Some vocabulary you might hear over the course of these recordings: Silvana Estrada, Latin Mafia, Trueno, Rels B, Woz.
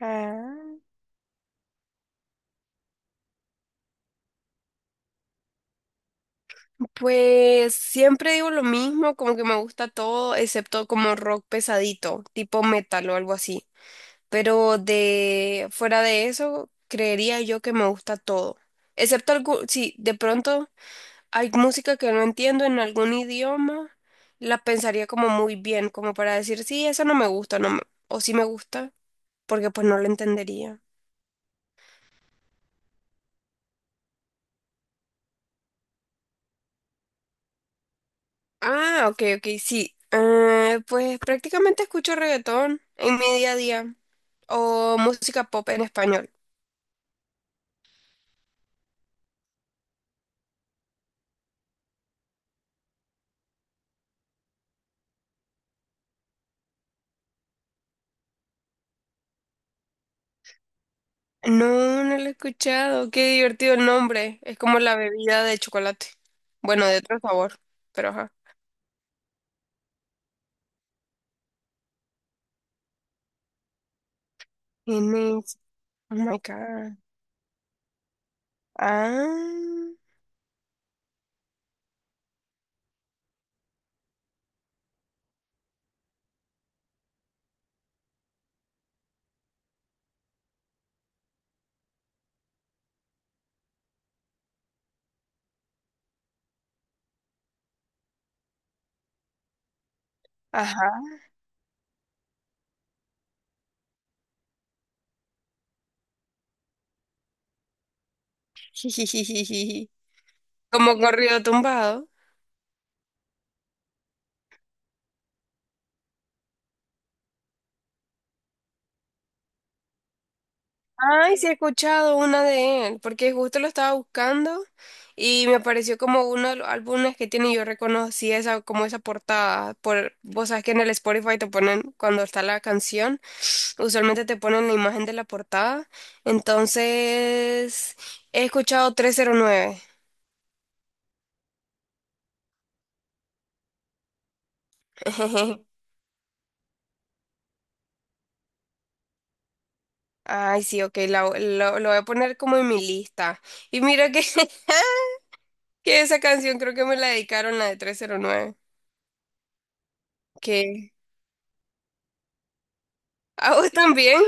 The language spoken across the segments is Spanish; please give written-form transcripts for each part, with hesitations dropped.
Ah, pues siempre digo lo mismo, como que me gusta todo, excepto como rock pesadito, tipo metal o algo así. Pero de fuera de eso, creería yo que me gusta todo. Excepto algo, si de pronto hay música que no entiendo en algún idioma, la pensaría como muy bien, como para decir, sí, eso no me gusta, no me- o sí me gusta, porque pues no lo entendería. Ah, ok, ok, sí. Pues prácticamente escucho reggaetón en mi día a día, o música pop en español. No, no lo he escuchado. Qué divertido el nombre. Es como la bebida de chocolate. Bueno, de otro sabor, pero ajá. ¿Quién es? Oh my God. Ah, ajá. Jijijijiji. Como corrido tumbado. Ay, sí he escuchado una de él, porque justo lo estaba buscando y me apareció como uno de los álbumes que tiene y yo reconocí esa, como esa portada. Por, vos sabes que en el Spotify te ponen cuando está la canción, usualmente te ponen la imagen de la portada. Entonces, he escuchado trescientos nueve. Ay, sí, ok, la- lo voy a poner como en mi lista. Y mira que, que esa canción creo que me la dedicaron, la de 309. ¿Qué? ¿A vos también?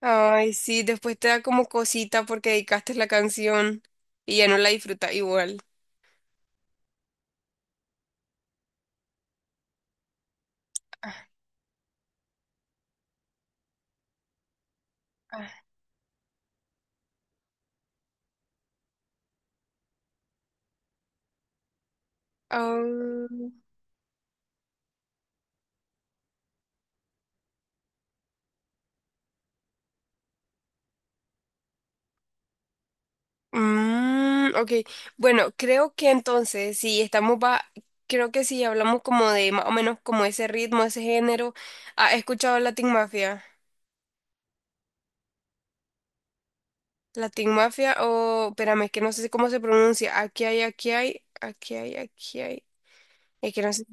Ay, sí, después te da como cosita porque dedicaste la canción y ya no la disfrutas igual. Ah, ah. Ok, bueno, creo que entonces, si estamos, va, creo que si hablamos como de más o menos como ese ritmo, ese género, ¿has escuchado Latin Mafia? Latin Mafia o, espérame, es que no sé cómo se pronuncia, aquí hay, es que no sé,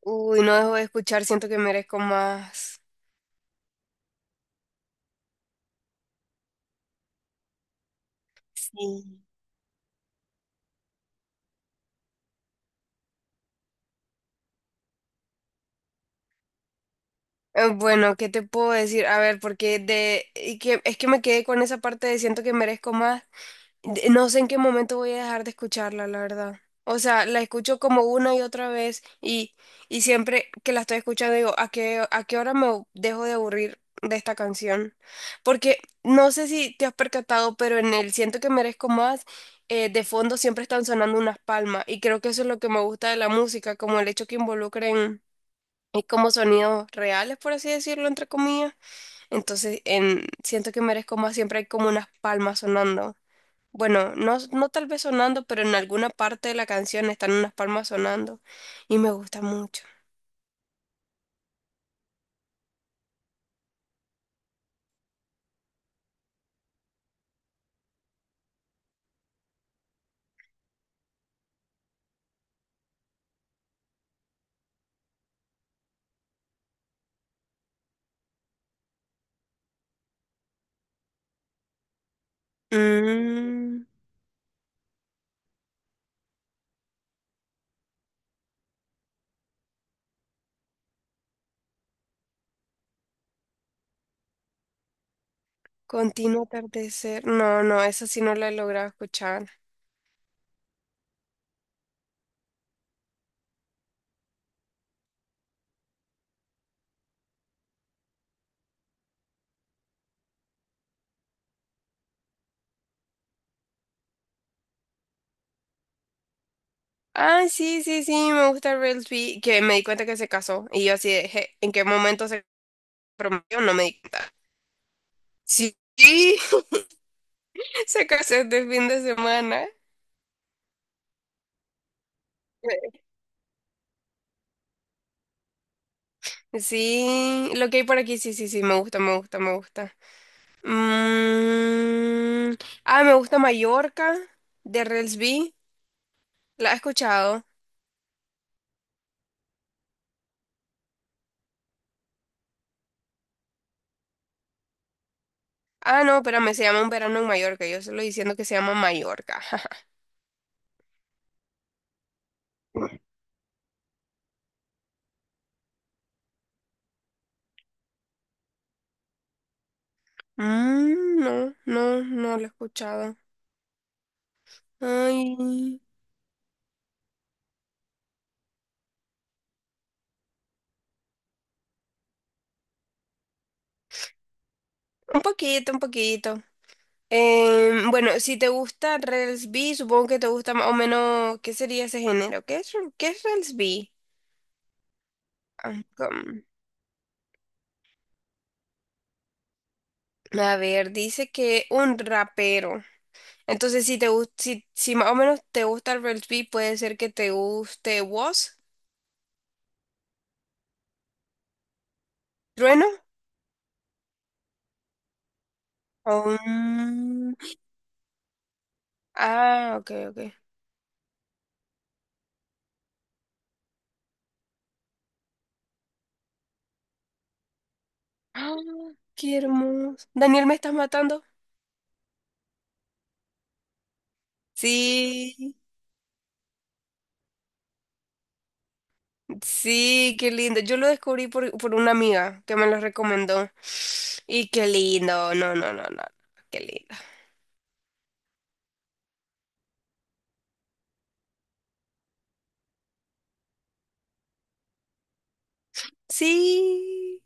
uy, no dejo de escuchar, siento que merezco más. Sí. Bueno, ¿qué te puedo decir? A ver, porque de, y que, es que me quedé con esa parte de siento que merezco más. De- no sé en qué momento voy a dejar de escucharla, la verdad. O sea, la escucho como una y otra vez y siempre que la estoy escuchando digo, a qué hora me dejo de aburrir de esta canción? Porque no sé si te has percatado, pero en el Siento que merezco más, de fondo siempre están sonando unas palmas y creo que eso es lo que me gusta de la música, como el hecho que involucren como sonidos reales, por así decirlo, entre comillas. Entonces, en Siento que merezco más siempre hay como unas palmas sonando. Bueno, no, no tal vez sonando, pero en alguna parte de la canción están unas palmas sonando y me gusta mucho. Mm, Continuo atardecer. No, no, esa sí no la he logrado escuchar. Ah, sí, sí, sí, me gusta Real B, que me di cuenta que se casó y yo así de, "Je, ¿en qué momento se prometió? No me di cuenta." Sí, se casó este fin de semana. Sí, lo que hay por aquí, sí, sí, sí, me gusta, me gusta, me gusta. Mm, Me gusta Mallorca, de Relsby. ¿La has escuchado? Ah, no, espérame, se llama Un verano en Mallorca. Yo solo diciendo que se llama Mallorca. Mm, no, no, no lo he escuchado. Ay, un poquito, un poquito. Bueno, si te gusta Rels B, supongo que te gusta más o menos, ¿qué sería ese género? Qué es Rels B? Ah, com- a ver, dice que un rapero. Entonces, si te gusta, si, si más o menos te gusta el rugby, puede ser que te guste Woz, Trueno, o ah, ok, ok. Ah, qué hermoso. Daniel, ¿me estás matando? Sí, sí, qué lindo. Yo lo descubrí por una amiga que me lo recomendó. Y qué lindo. No, no, no, no. Qué lindo. Sí,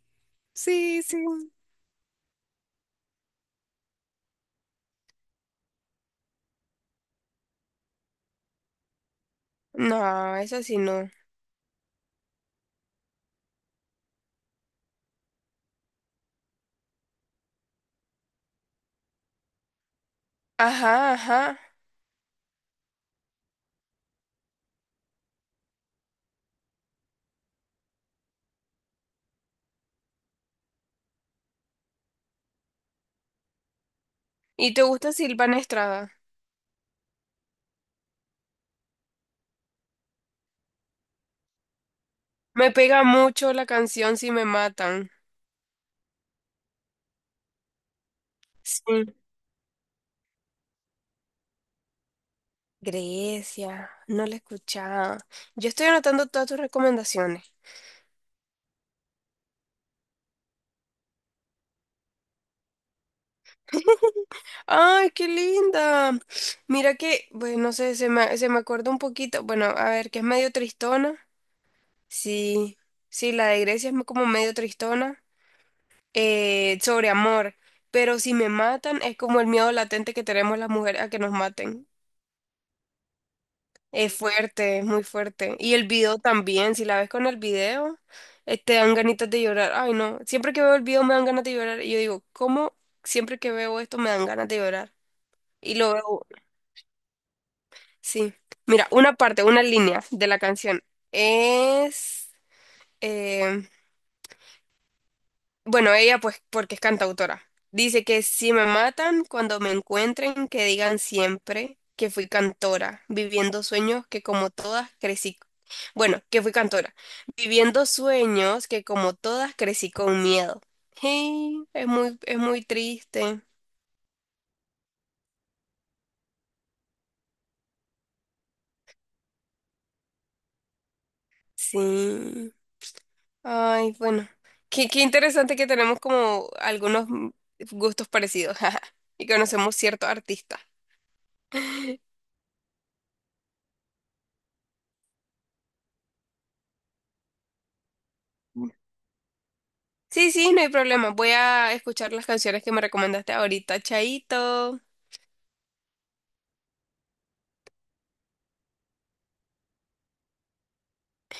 sí, sí. No, eso sí no. Ajá, ajá. ¿Y te gusta Silvana Estrada? Me pega mucho la canción Si me matan. Sí. Grecia, no la he escuchado. Yo estoy anotando todas tus recomendaciones. ¡Ay, qué linda! Mira que, bueno, no sé, se me acuerda un poquito. Bueno, a ver, que es medio tristona. Sí, sí, la de Grecia es como medio tristona. Sobre amor. Pero si me matan, es como el miedo latente que tenemos las mujeres a que nos maten. Es fuerte, es muy fuerte. Y el video también, si la ves con el video, te dan ganitas de llorar. Ay, no, siempre que veo el video me dan ganas de llorar. Y yo digo, ¿cómo siempre que veo esto me dan ganas de llorar? Y lo veo, sí. Mira, una parte, una línea de la canción es... em, Bueno, ella pues porque es cantautora. Dice que si me matan, cuando me encuentren, que digan siempre que fui cantora, viviendo sueños que como todas crecí. Bueno, que fui cantora, viviendo sueños que como todas crecí con miedo. Hey, es muy triste. Sí. Ay, bueno. Qué, qué interesante que tenemos como algunos gustos parecidos y conocemos ciertos artistas. Sí, sí, no hay problema. Voy a escuchar las canciones que me recomendaste ahorita. Chaito.